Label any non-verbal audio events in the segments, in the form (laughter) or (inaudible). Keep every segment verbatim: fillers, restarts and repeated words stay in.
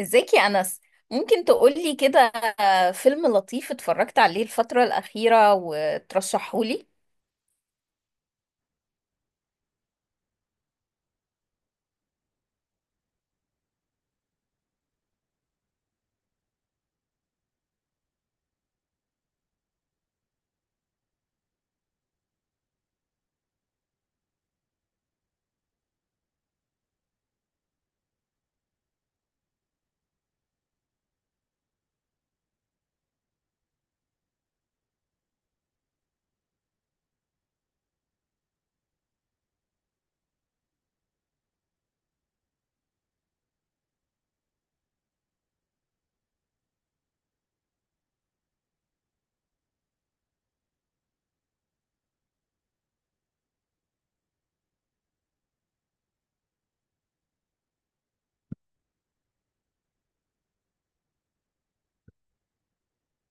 ازيك يا أنس، ممكن تقولي كده فيلم لطيف اتفرجت عليه الفترة الأخيرة وترشحهولي؟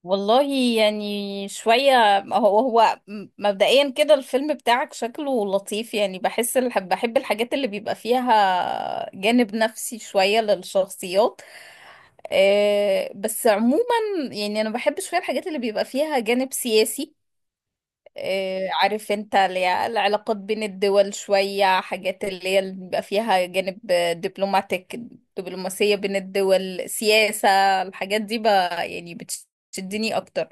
والله، يعني شوية، هو هو مبدئيا كده الفيلم بتاعك شكله لطيف. يعني بحس الح- بحب الحاجات اللي بيبقى فيها جانب نفسي شوية للشخصيات. آه، بس عموما يعني أنا بحب شوية الحاجات اللي بيبقى فيها جانب سياسي. إيه، عارف انت، اللي هي العلاقات بين الدول، شوية حاجات اللي هي اللي بيبقى فيها جانب دبلوماتيك، دبلوماسية بين الدول، سياسة. الحاجات دي بقى يعني بتشدني أكتر.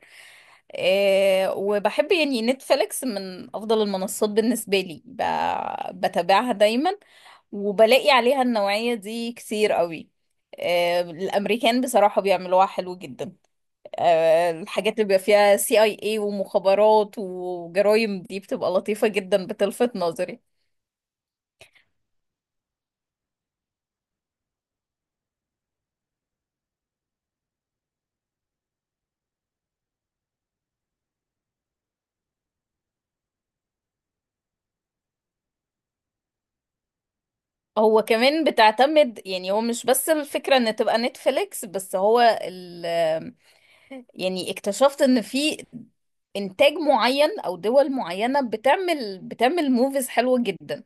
إيه، وبحب يعني نتفليكس من أفضل المنصات بالنسبة لي، ب- بتابعها دايما وبلاقي عليها النوعية دي كتير قوي. إيه، الأمريكان بصراحة بيعملوها حلو جدا. آه، الحاجات اللي بيبقى فيها سي اي اي ومخابرات وجرايم دي بتبقى لطيفة جدا، بتلفت نظري. هو كمان بتعتمد، يعني هو مش بس الفكرة ان تبقى نتفليكس. بس هو يعني اكتشفت ان في انتاج معين او دول معينة بتعمل بتعمل موفيز حلوة جدا.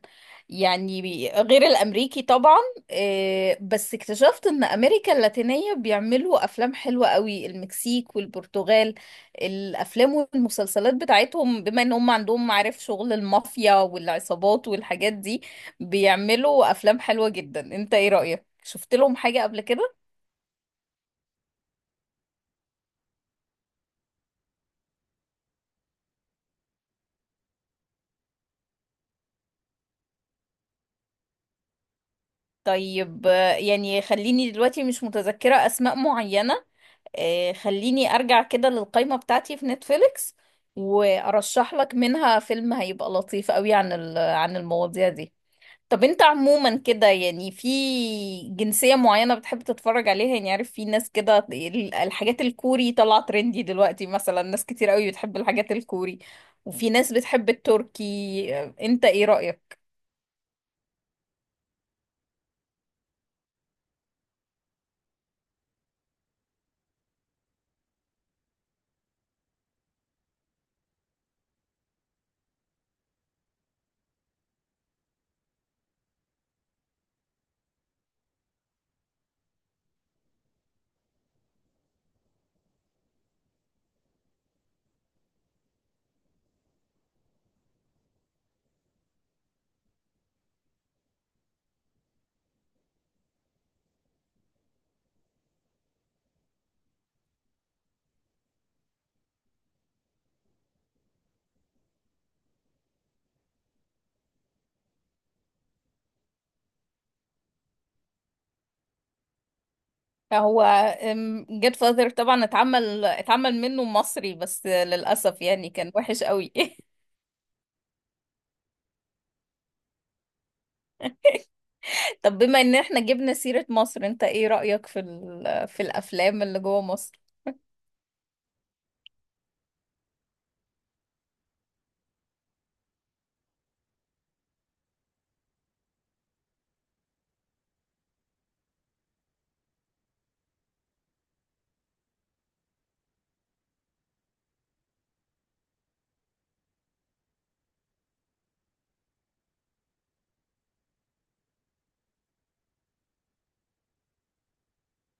يعني بي- غير الامريكي طبعا. آه، بس اكتشفت ان امريكا اللاتينية بيعملوا افلام حلوة قوي، المكسيك والبرتغال. الافلام والمسلسلات بتاعتهم، بما ان هم عندهم معارف شغل المافيا والعصابات والحاجات دي، بيعملوا افلام حلوة جدا. انت ايه رأيك، شفت لهم حاجة قبل كده؟ طيب آه، يعني خليني دلوقتي مش متذكرة أسماء معينة. آه، خليني أرجع كده للقائمة بتاعتي في نتفليكس وأرشح لك منها فيلم هيبقى لطيف قوي عن ال- عن المواضيع دي. طب أنت عموما كده يعني في جنسية معينة بتحب تتفرج عليها؟ يعني عارف في ناس كده ال- الحاجات الكوري طالعة ترندي دلوقتي، مثلا ناس كتير قوي بتحب الحاجات الكوري وفي ناس بتحب التركي. آه، أنت إيه رأيك؟ هو جيت فاذر طبعا اتعمل اتعمل منه مصري، بس للأسف يعني كان وحش قوي. (laughs) طب بما ان احنا جبنا سيرة مصر، انت ايه رأيك في ال... في الافلام اللي جوه مصر؟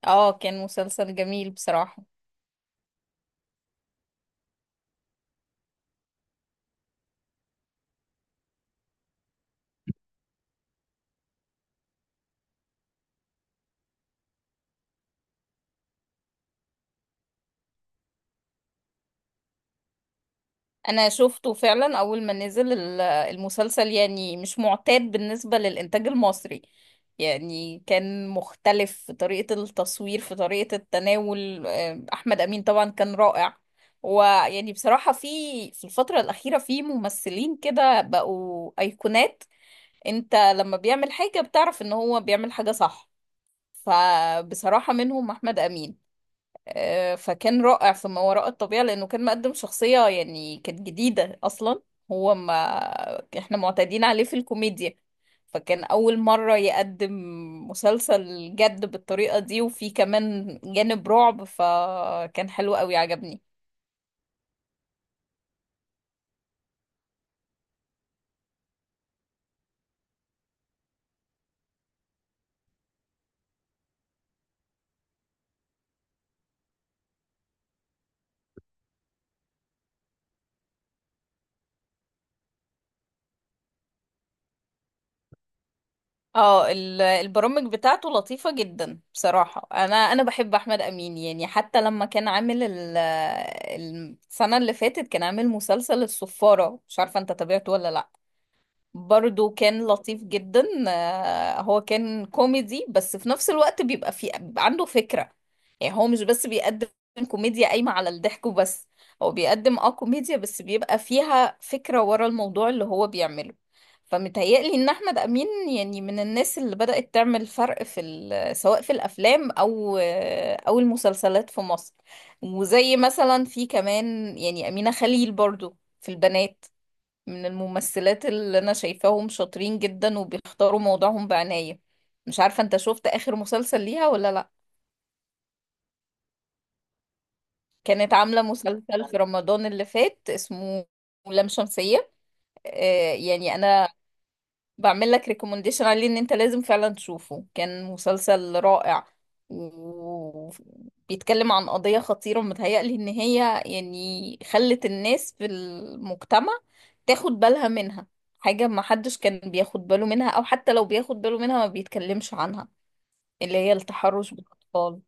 اه، كان مسلسل جميل بصراحة. انا شفته فعلا اول ما نزل ال- المسلسل. يعني مش معتاد بالنسبة للانتاج المصري. يعني كان مختلف في طريقة التصوير، في طريقة التناول. آه، احمد امين طبعا كان رائع. ويعني بصراحة في في الفترة الأخيرة في ممثلين كده بقوا أيقونات. انت لما بيعمل حاجة بتعرف ان هو بيعمل حاجة صح. فبصراحة منهم احمد امين. آه، فكان رائع في ما وراء الطبيعة، لأنه كان مقدم شخصية يعني كانت جديدة أصلا. هو ما احنا معتادين عليه في الكوميديا. فكان أول مرة يقدم مسلسل جد بالطريقة دي، وفيه كمان جانب رعب. فكان حلو قوي، عجبني. اه، ال- البرامج بتاعته لطيفة جدا بصراحة. انا انا بحب احمد امين، يعني حتى لما كان عامل ال- السنة اللي فاتت كان عامل مسلسل الصفارة. مش عارفة انت تابعته ولا لا؟ برضو كان لطيف جدا. آه، هو كان كوميدي، بس في نفس الوقت بيبقى في بيبقى عنده فكرة. يعني هو مش بس بيقدم كوميديا قايمة على الضحك وبس، هو بيقدم اه كوميديا بس بيبقى فيها فكرة ورا الموضوع اللي هو بيعمله. فمتهيألي ان احمد امين يعني من الناس اللي بدأت تعمل فرق في ال- سواء في الافلام او آه، او المسلسلات في مصر. وزي مثلا في كمان يعني امينة خليل برضو في البنات، من الممثلات اللي انا شايفاهم شاطرين جدا وبيختاروا موضوعهم بعناية. مش عارفة انت شفت اخر مسلسل ليها ولا لا؟ كانت عاملة مسلسل في رمضان اللي فات اسمه لام شمسية. آه، يعني انا بعمل لك ريكومنديشن عليه، ان انت لازم فعلا تشوفه. كان مسلسل رائع وبيتكلم عن قضية خطيرة متهيألي ان هي يعني خلت الناس في المجتمع تاخد بالها منها. حاجة ما حدش كان بياخد باله منها، او حتى لو بياخد باله منها ما بيتكلمش عنها، اللي هي التحرش بالاطفال.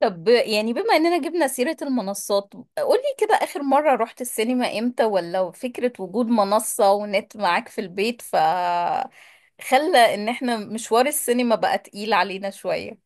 طب يعني بما اننا جبنا سيرة المنصات، قولي كده اخر مرة رحت السينما امتى، ولا فكرة وجود منصة ونت معاك في البيت ف خلى ان احنا مشوار السينما بقى تقيل علينا شوية؟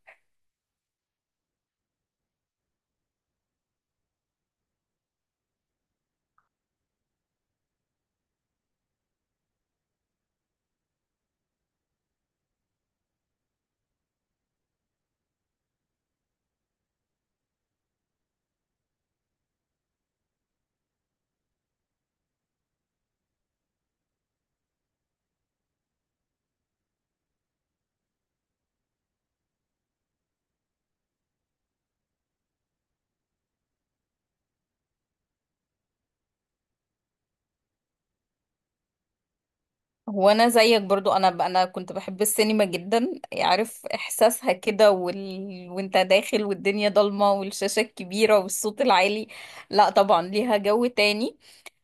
هو انا زيك برضو، انا انا كنت بحب السينما جدا. عارف احساسها كده وال... وانت داخل والدنيا ضلمة والشاشة الكبيرة والصوت العالي. لا طبعا ليها جو تاني.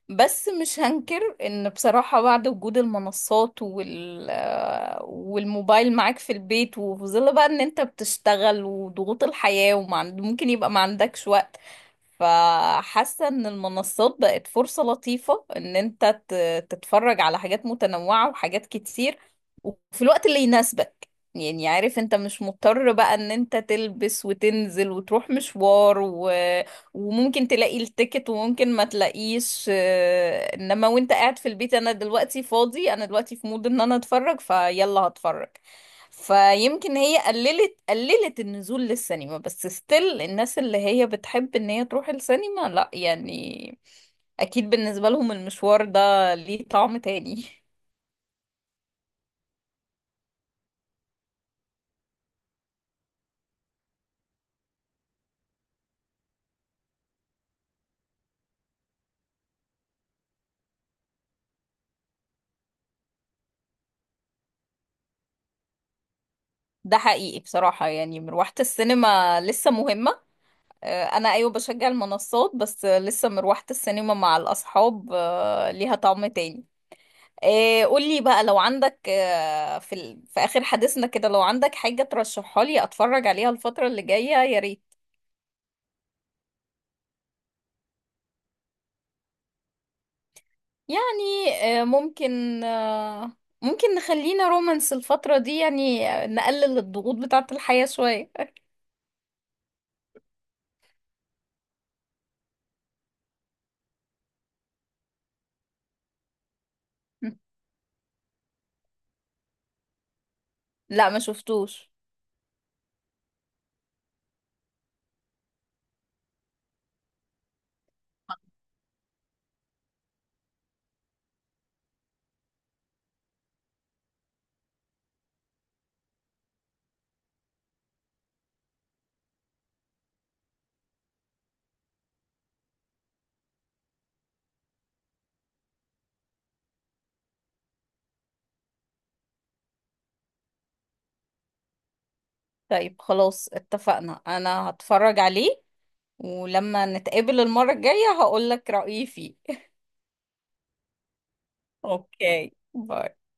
بس مش هنكر ان بصراحة بعد وجود المنصات وال والموبايل معاك في البيت، وفي ظل بقى ان انت بتشتغل وضغوط الحياة وممكن يبقى ما عندكش وقت، فحاسة ان المنصات بقت فرصة لطيفة ان انت ت- تتفرج على حاجات متنوعة وحاجات كتير وفي الوقت اللي يناسبك. يعني عارف انت مش مضطر بقى ان انت تلبس وتنزل وتروح مشوار وممكن تلاقي التيكت وممكن ما تلاقيش. آه، انما وانت قاعد في البيت، انا دلوقتي فاضي، انا دلوقتي في مود ان انا اتفرج، فيلا هتفرج. فيمكن هي قللت قللت النزول للسينما، بس ستيل الناس اللي هي بتحب ان هي تروح السينما، لا يعني اكيد بالنسبة لهم المشوار ده ليه طعم تاني. (laughs) ده حقيقي بصراحة، يعني مروحة السينما لسه مهمة. آه، انا ايوه بشجع المنصات، بس آه، لسه مروحة السينما مع الاصحاب آه، ليها طعم تاني. آه، قولي بقى لو عندك آه، في ال... في اخر حديثنا كده، لو عندك حاجة ترشحها لي اتفرج عليها الفترة اللي جاية يا ريت. يعني آه، ممكن آه، ممكن نخلينا رومانس الفترة دي، يعني آه، نقلل الضغوط بتاعة الحياة شوية. (laughs) لا ما شفتوش. طيب خلاص اتفقنا انا هتفرج عليه، ولما نتقابل المرة الجاية هقولك رأيي فيه. (laughs) اوكي باي.